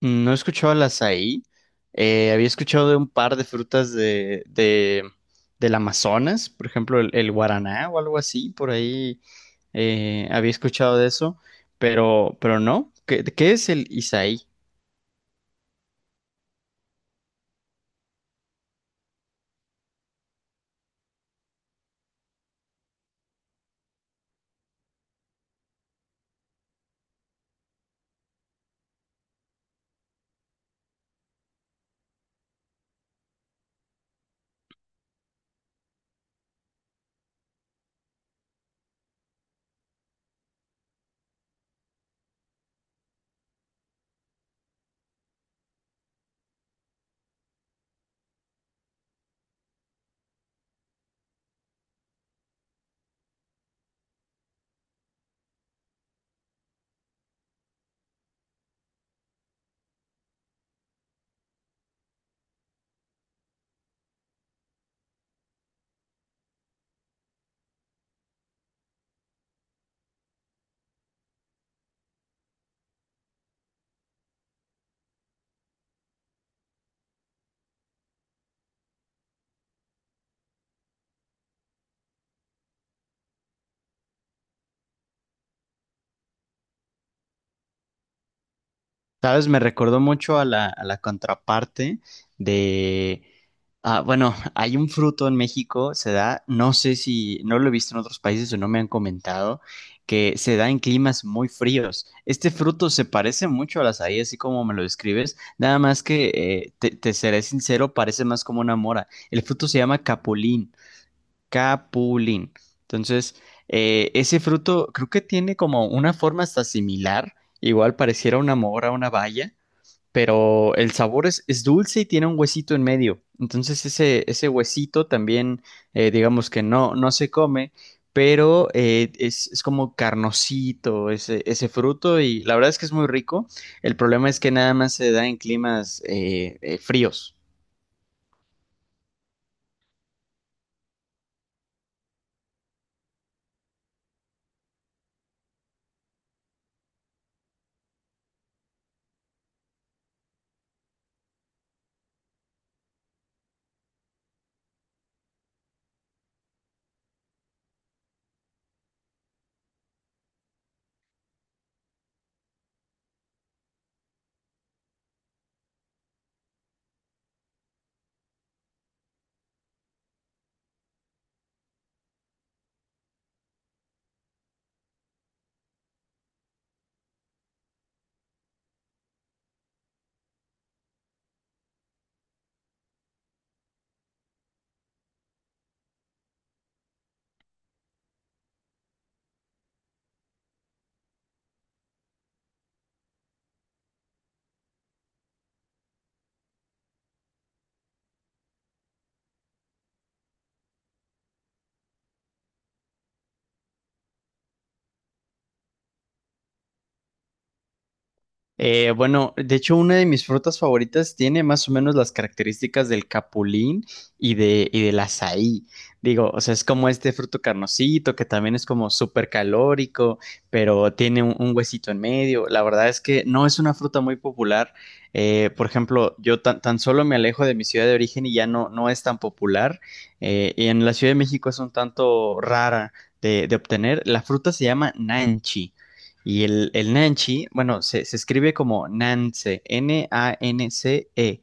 Mm. No he escuchado al açaí. Había escuchado de un par de frutas del Amazonas, por ejemplo, el guaraná o algo así, por ahí. Había escuchado de eso, pero no. ¿Qué es el isaí? Sabes, me recordó mucho a la contraparte. De, ah, bueno, hay un fruto en México, se da, no sé si, no lo he visto en otros países o no me han comentado, que se da en climas muy fríos. Este fruto se parece mucho a la azaí, así como me lo describes, nada más que, te seré sincero, parece más como una mora. El fruto se llama capulín, capulín. Entonces, ese fruto creo que tiene como una forma hasta similar, igual pareciera una mora, una baya, pero el sabor es dulce y tiene un huesito en medio. Entonces ese huesito también, digamos que no, no se come, pero es como carnosito ese fruto, y la verdad es que es muy rico. El problema es que nada más se da en climas fríos. Bueno, de hecho, una de mis frutas favoritas tiene más o menos las características del capulín y del azaí. Digo, o sea, es como este fruto carnosito que también es como súper calórico, pero tiene un huesito en medio. La verdad es que no es una fruta muy popular. Por ejemplo, yo tan solo me alejo de mi ciudad de origen y ya no es tan popular. Y en la Ciudad de México es un tanto rara de obtener. La fruta se llama nanchi. Y el nanchi, bueno, se escribe como Nance, Nance,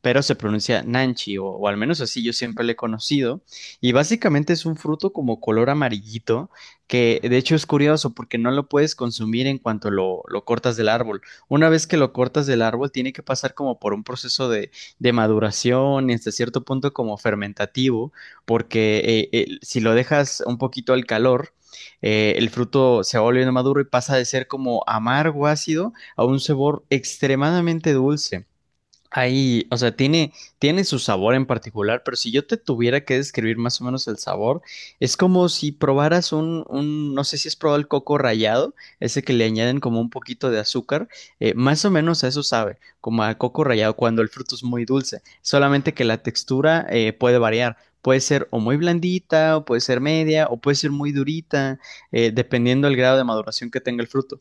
pero se pronuncia nanchi, o al menos así yo siempre le he conocido. Y básicamente es un fruto como color amarillito, que de hecho es curioso porque no lo puedes consumir en cuanto lo cortas del árbol. Una vez que lo cortas del árbol, tiene que pasar como por un proceso de maduración y hasta cierto punto como fermentativo, porque si lo dejas un poquito al calor, el fruto se va volviendo maduro y pasa de ser como amargo ácido a un sabor extremadamente dulce. Ahí, o sea, tiene su sabor en particular, pero si yo te tuviera que describir más o menos el sabor, es como si probaras no sé si has probado el coco rallado, ese que le añaden como un poquito de azúcar, más o menos a eso sabe, como a coco rallado cuando el fruto es muy dulce, solamente que la textura puede variar, puede ser o muy blandita, o puede ser media, o puede ser muy durita, dependiendo del grado de maduración que tenga el fruto.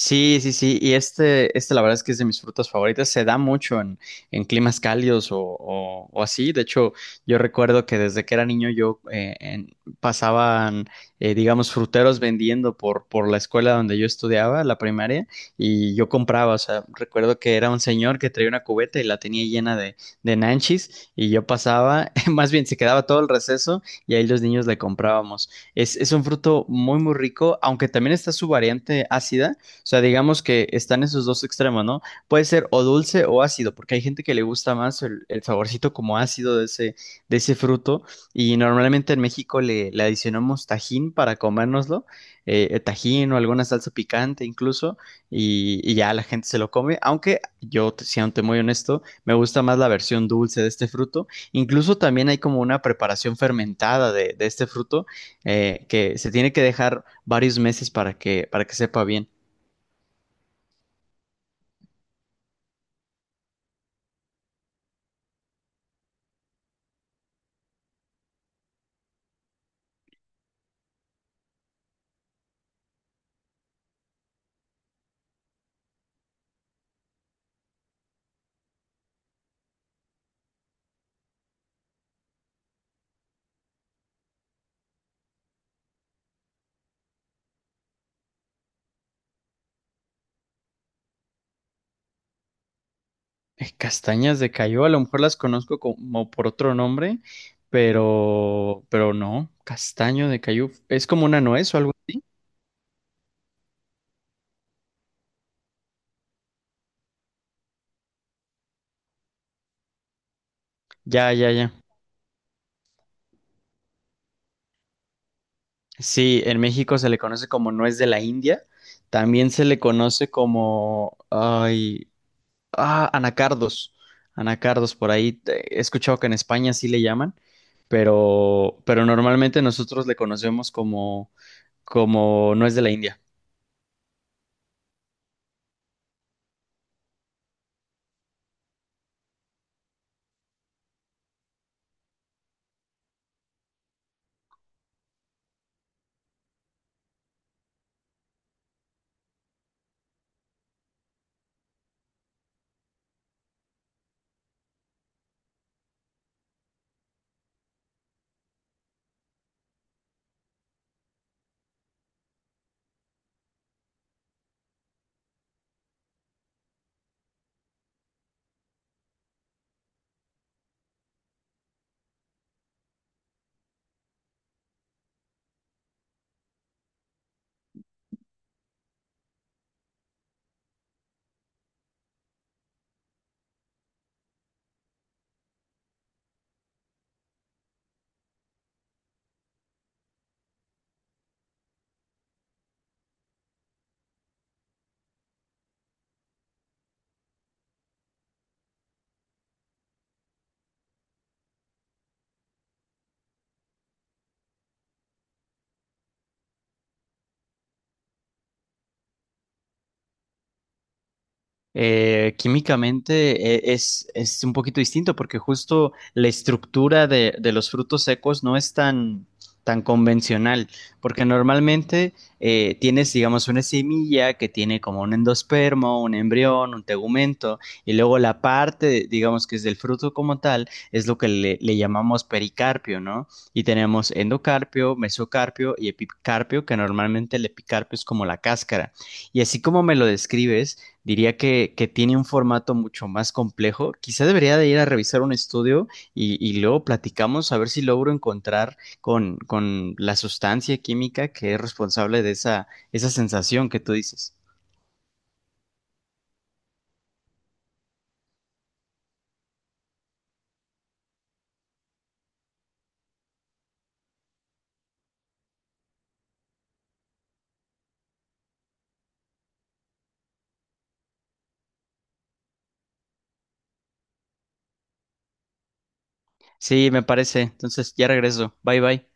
Sí, sí, sí, y la verdad es que es de mis frutas favoritas. Se da mucho en climas cálidos o así. De hecho, yo recuerdo que desde que era niño yo pasaban, digamos, fruteros vendiendo por la escuela donde yo estudiaba, la primaria, y yo compraba. O sea, recuerdo que era un señor que traía una cubeta y la tenía llena de nanchis, y yo pasaba, más bien se quedaba todo el receso, y ahí los niños le comprábamos. Es un fruto muy, muy rico, aunque también está su variante ácida, sea, digamos que están esos dos extremos, ¿no? Puede ser o dulce o ácido, porque hay gente que le gusta más el saborcito como ácido de ese fruto. Y normalmente en México le adicionamos tajín para comérnoslo, tajín o alguna salsa picante incluso, y ya la gente se lo come. Aunque yo, siendo muy honesto, me gusta más la versión dulce de este fruto. Incluso también hay como una preparación fermentada de este fruto, que se tiene que dejar varios meses para que sepa bien. Castañas de Cayó, a lo mejor las conozco como por otro nombre, pero no, castaño de Cayú, es como una nuez o algo. Ya, ya, ya. Sí, en México se le conoce como nuez de la India, también se le conoce como, anacardos, anacardos por ahí, he escuchado que en España sí le llaman, pero normalmente nosotros le conocemos como nuez de la India. Químicamente, es un poquito distinto, porque justo la estructura de los frutos secos no es tan convencional, porque normalmente tienes, digamos, una semilla que tiene como un endospermo, un embrión, un tegumento, y luego la parte, digamos, que es del fruto como tal, es lo que le llamamos pericarpio, ¿no? Y tenemos endocarpio, mesocarpio y epicarpio, que normalmente el epicarpio es como la cáscara. Y así como me lo describes, diría que tiene un formato mucho más complejo. Quizá debería de ir a revisar un estudio y luego platicamos, a ver si logro encontrar con la sustancia química que es responsable de esa sensación que tú dices. Sí, me parece. Entonces ya regreso. Bye bye.